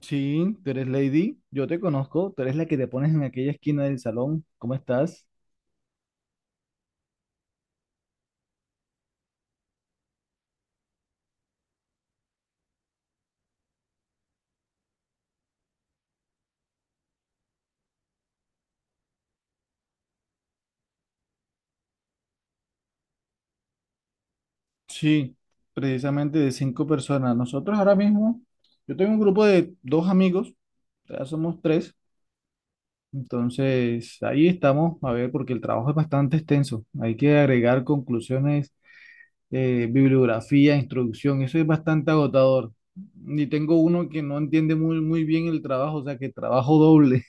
Sí, tú eres Lady, yo te conozco, tú eres la que te pones en aquella esquina del salón. ¿Cómo estás? Sí, precisamente de cinco personas. Nosotros ahora mismo, yo tengo un grupo de dos amigos, ya somos tres, entonces ahí estamos, a ver, porque el trabajo es bastante extenso. Hay que agregar conclusiones, bibliografía, introducción, eso es bastante agotador. Y tengo uno que no entiende muy bien el trabajo, o sea que trabajo doble.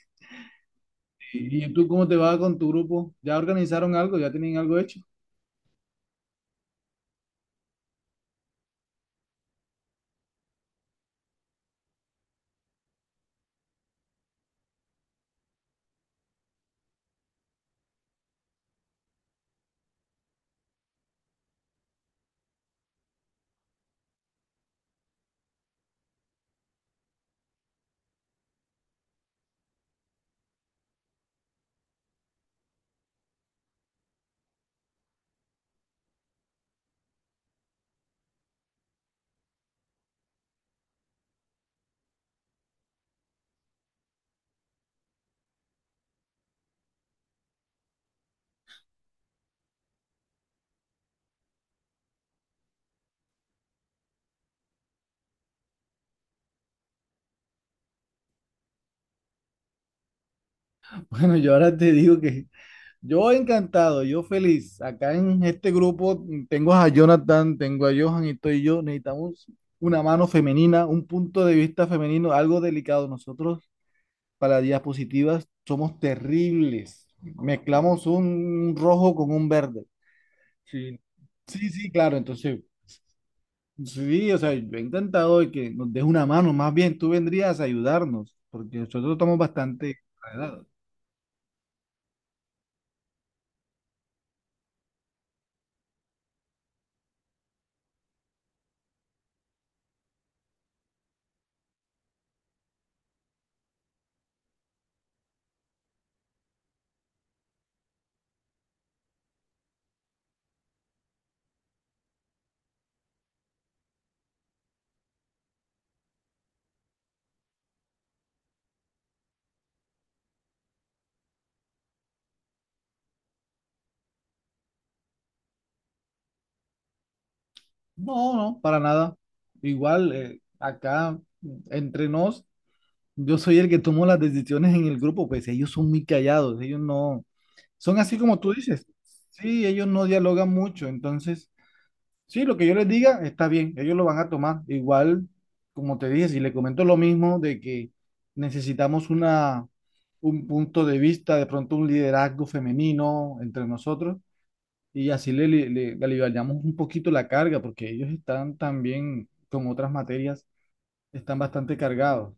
¿Y tú cómo te va con tu grupo? ¿Ya organizaron algo? ¿Ya tienen algo hecho? Bueno, yo ahora te digo que yo encantado, yo feliz. Acá en este grupo tengo a Jonathan, tengo a Johan y estoy yo. Necesitamos una mano femenina, un punto de vista femenino, algo delicado. Nosotros para diapositivas somos terribles. Mezclamos un rojo con un verde. Sí. Sí, claro. Entonces, sí, o sea, yo he intentado de que nos des una mano, más bien tú vendrías a ayudarnos, porque nosotros estamos bastante enredados. No, no, para nada. Igual, acá entre nos, yo soy el que tomo las decisiones en el grupo, pues ellos son muy callados, ellos no, son así como tú dices. Sí, ellos no dialogan mucho, entonces sí, lo que yo les diga está bien, ellos lo van a tomar. Igual, como te dije, si le comento lo mismo de que necesitamos una, un punto de vista, de pronto un liderazgo femenino entre nosotros y así le aliviamos un poquito la carga porque ellos están también, con otras materias, están bastante cargados.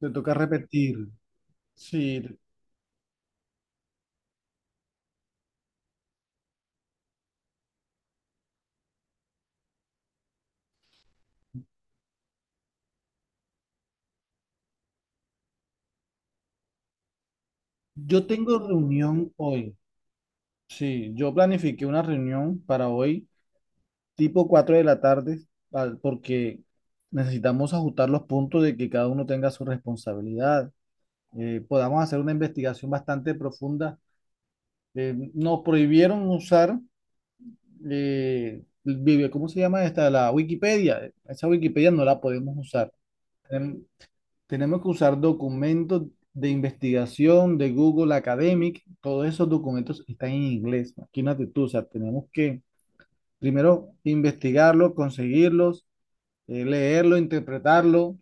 Te toca repetir. Sí, yo tengo reunión hoy. Sí, yo planifiqué una reunión para hoy tipo 4 de la tarde, porque necesitamos ajustar los puntos de que cada uno tenga su responsabilidad. Podamos hacer una investigación bastante profunda. Nos prohibieron usar, el ¿cómo se llama esta? La Wikipedia. Esa Wikipedia no la podemos usar. Tenem- Tenemos que usar documentos de investigación de Google Academic. Todos esos documentos están en inglés. Imagínate tú, o sea, tenemos que primero investigarlos, conseguirlos, leerlo, interpretarlo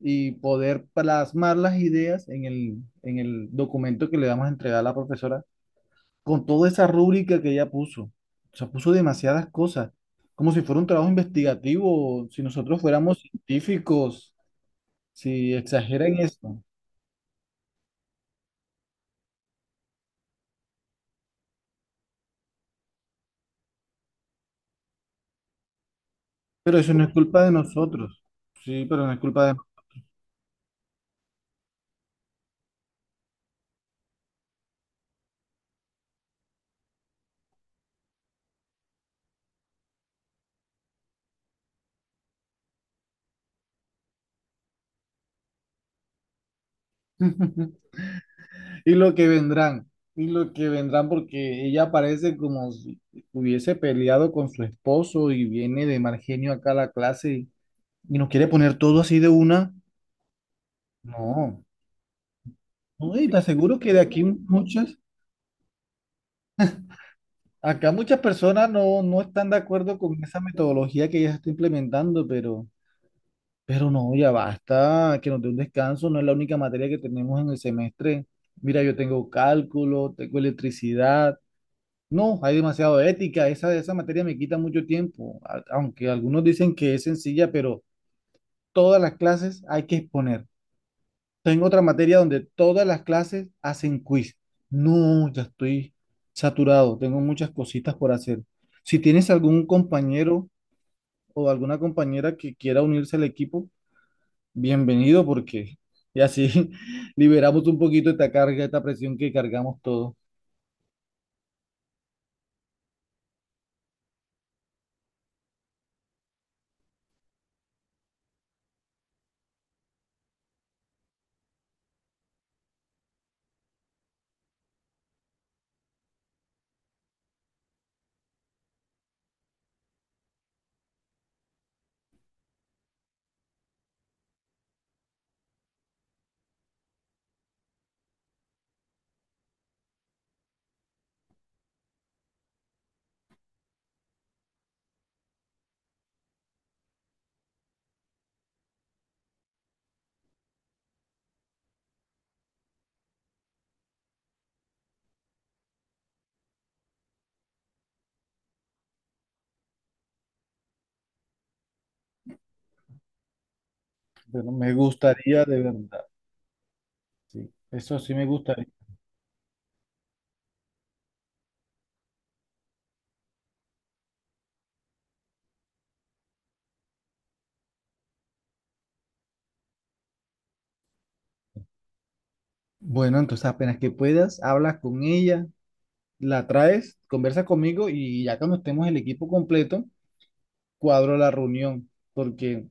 y poder plasmar las ideas en en el documento que le vamos a entregar a la profesora con toda esa rúbrica que ella puso. O sea, puso demasiadas cosas, como si fuera un trabajo investigativo, si nosotros fuéramos científicos, si exageran esto. Pero eso no es culpa de nosotros. Sí, pero no es culpa de... Y lo que vendrán, y lo que vendrán, porque ella parece como si hubiese peleado con su esposo y viene de mal genio acá a la clase y nos quiere poner todo así de una. No, no, y te aseguro que acá muchas personas no, no están de acuerdo con esa metodología que ella está implementando, pero no, ya basta, que nos dé un descanso, no es la única materia que tenemos en el semestre. Mira, yo tengo cálculo, tengo electricidad. No, hay demasiado de ética. Esa materia me quita mucho tiempo, aunque algunos dicen que es sencilla, pero todas las clases hay que exponer. Tengo otra materia donde todas las clases hacen quiz. No, ya estoy saturado, tengo muchas cositas por hacer. Si tienes algún compañero o alguna compañera que quiera unirse al equipo, bienvenido porque y así liberamos un poquito esta carga, esta presión que cargamos todos. Bueno, me gustaría de verdad, sí, eso sí me gustaría. Bueno, entonces apenas que puedas, hablas con ella, la traes, conversas conmigo y ya cuando estemos el equipo completo, cuadro la reunión, porque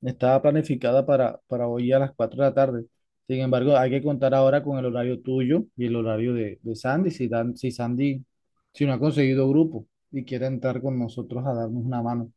estaba planificada para hoy a las 4 de la tarde. Sin embargo, hay que contar ahora con el horario tuyo y el horario de Sandy, si, si Sandy, si no ha conseguido grupo y quiere entrar con nosotros a darnos una mano.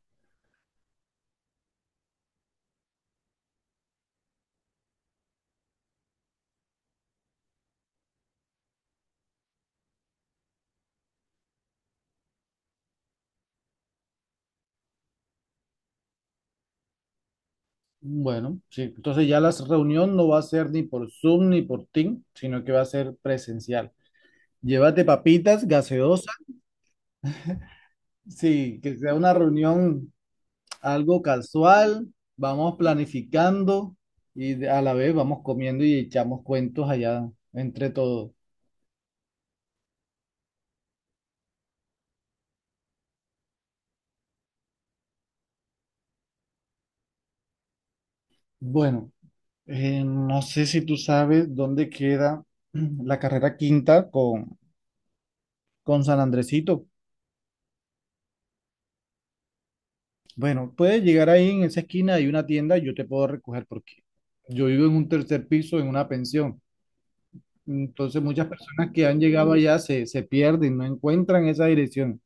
Bueno, sí, entonces ya la reunión no va a ser ni por Zoom ni por Team, sino que va a ser presencial. Llévate papitas, gaseosas. Sí, que sea una reunión algo casual, vamos planificando y a la vez vamos comiendo y echamos cuentos allá entre todos. Bueno, no sé si tú sabes dónde queda la carrera quinta con San Andresito. Bueno, puedes llegar ahí en esa esquina, hay una tienda, yo te puedo recoger porque yo vivo en un tercer piso en una pensión. Entonces muchas personas que han llegado allá se pierden, no encuentran esa dirección.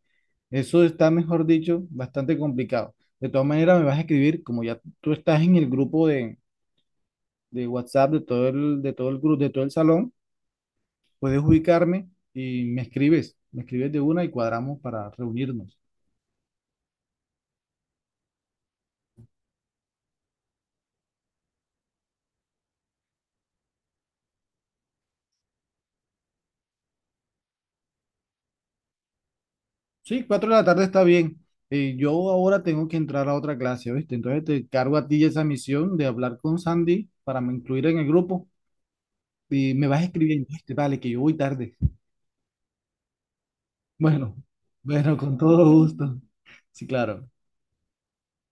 Eso está, mejor dicho, bastante complicado. De todas maneras, me vas a escribir, como ya tú estás en el grupo de WhatsApp de todo el grupo, de todo el salón, puedes ubicarme y me escribes de una y cuadramos para reunirnos. Sí, 4 de la tarde está bien. Yo ahora tengo que entrar a otra clase, ¿viste? Entonces te cargo a ti esa misión de hablar con Sandy para me incluir en el grupo y me vas escribiendo, ¿viste? Vale, que yo voy tarde. Bueno, bueno, con todo gusto. Sí, claro.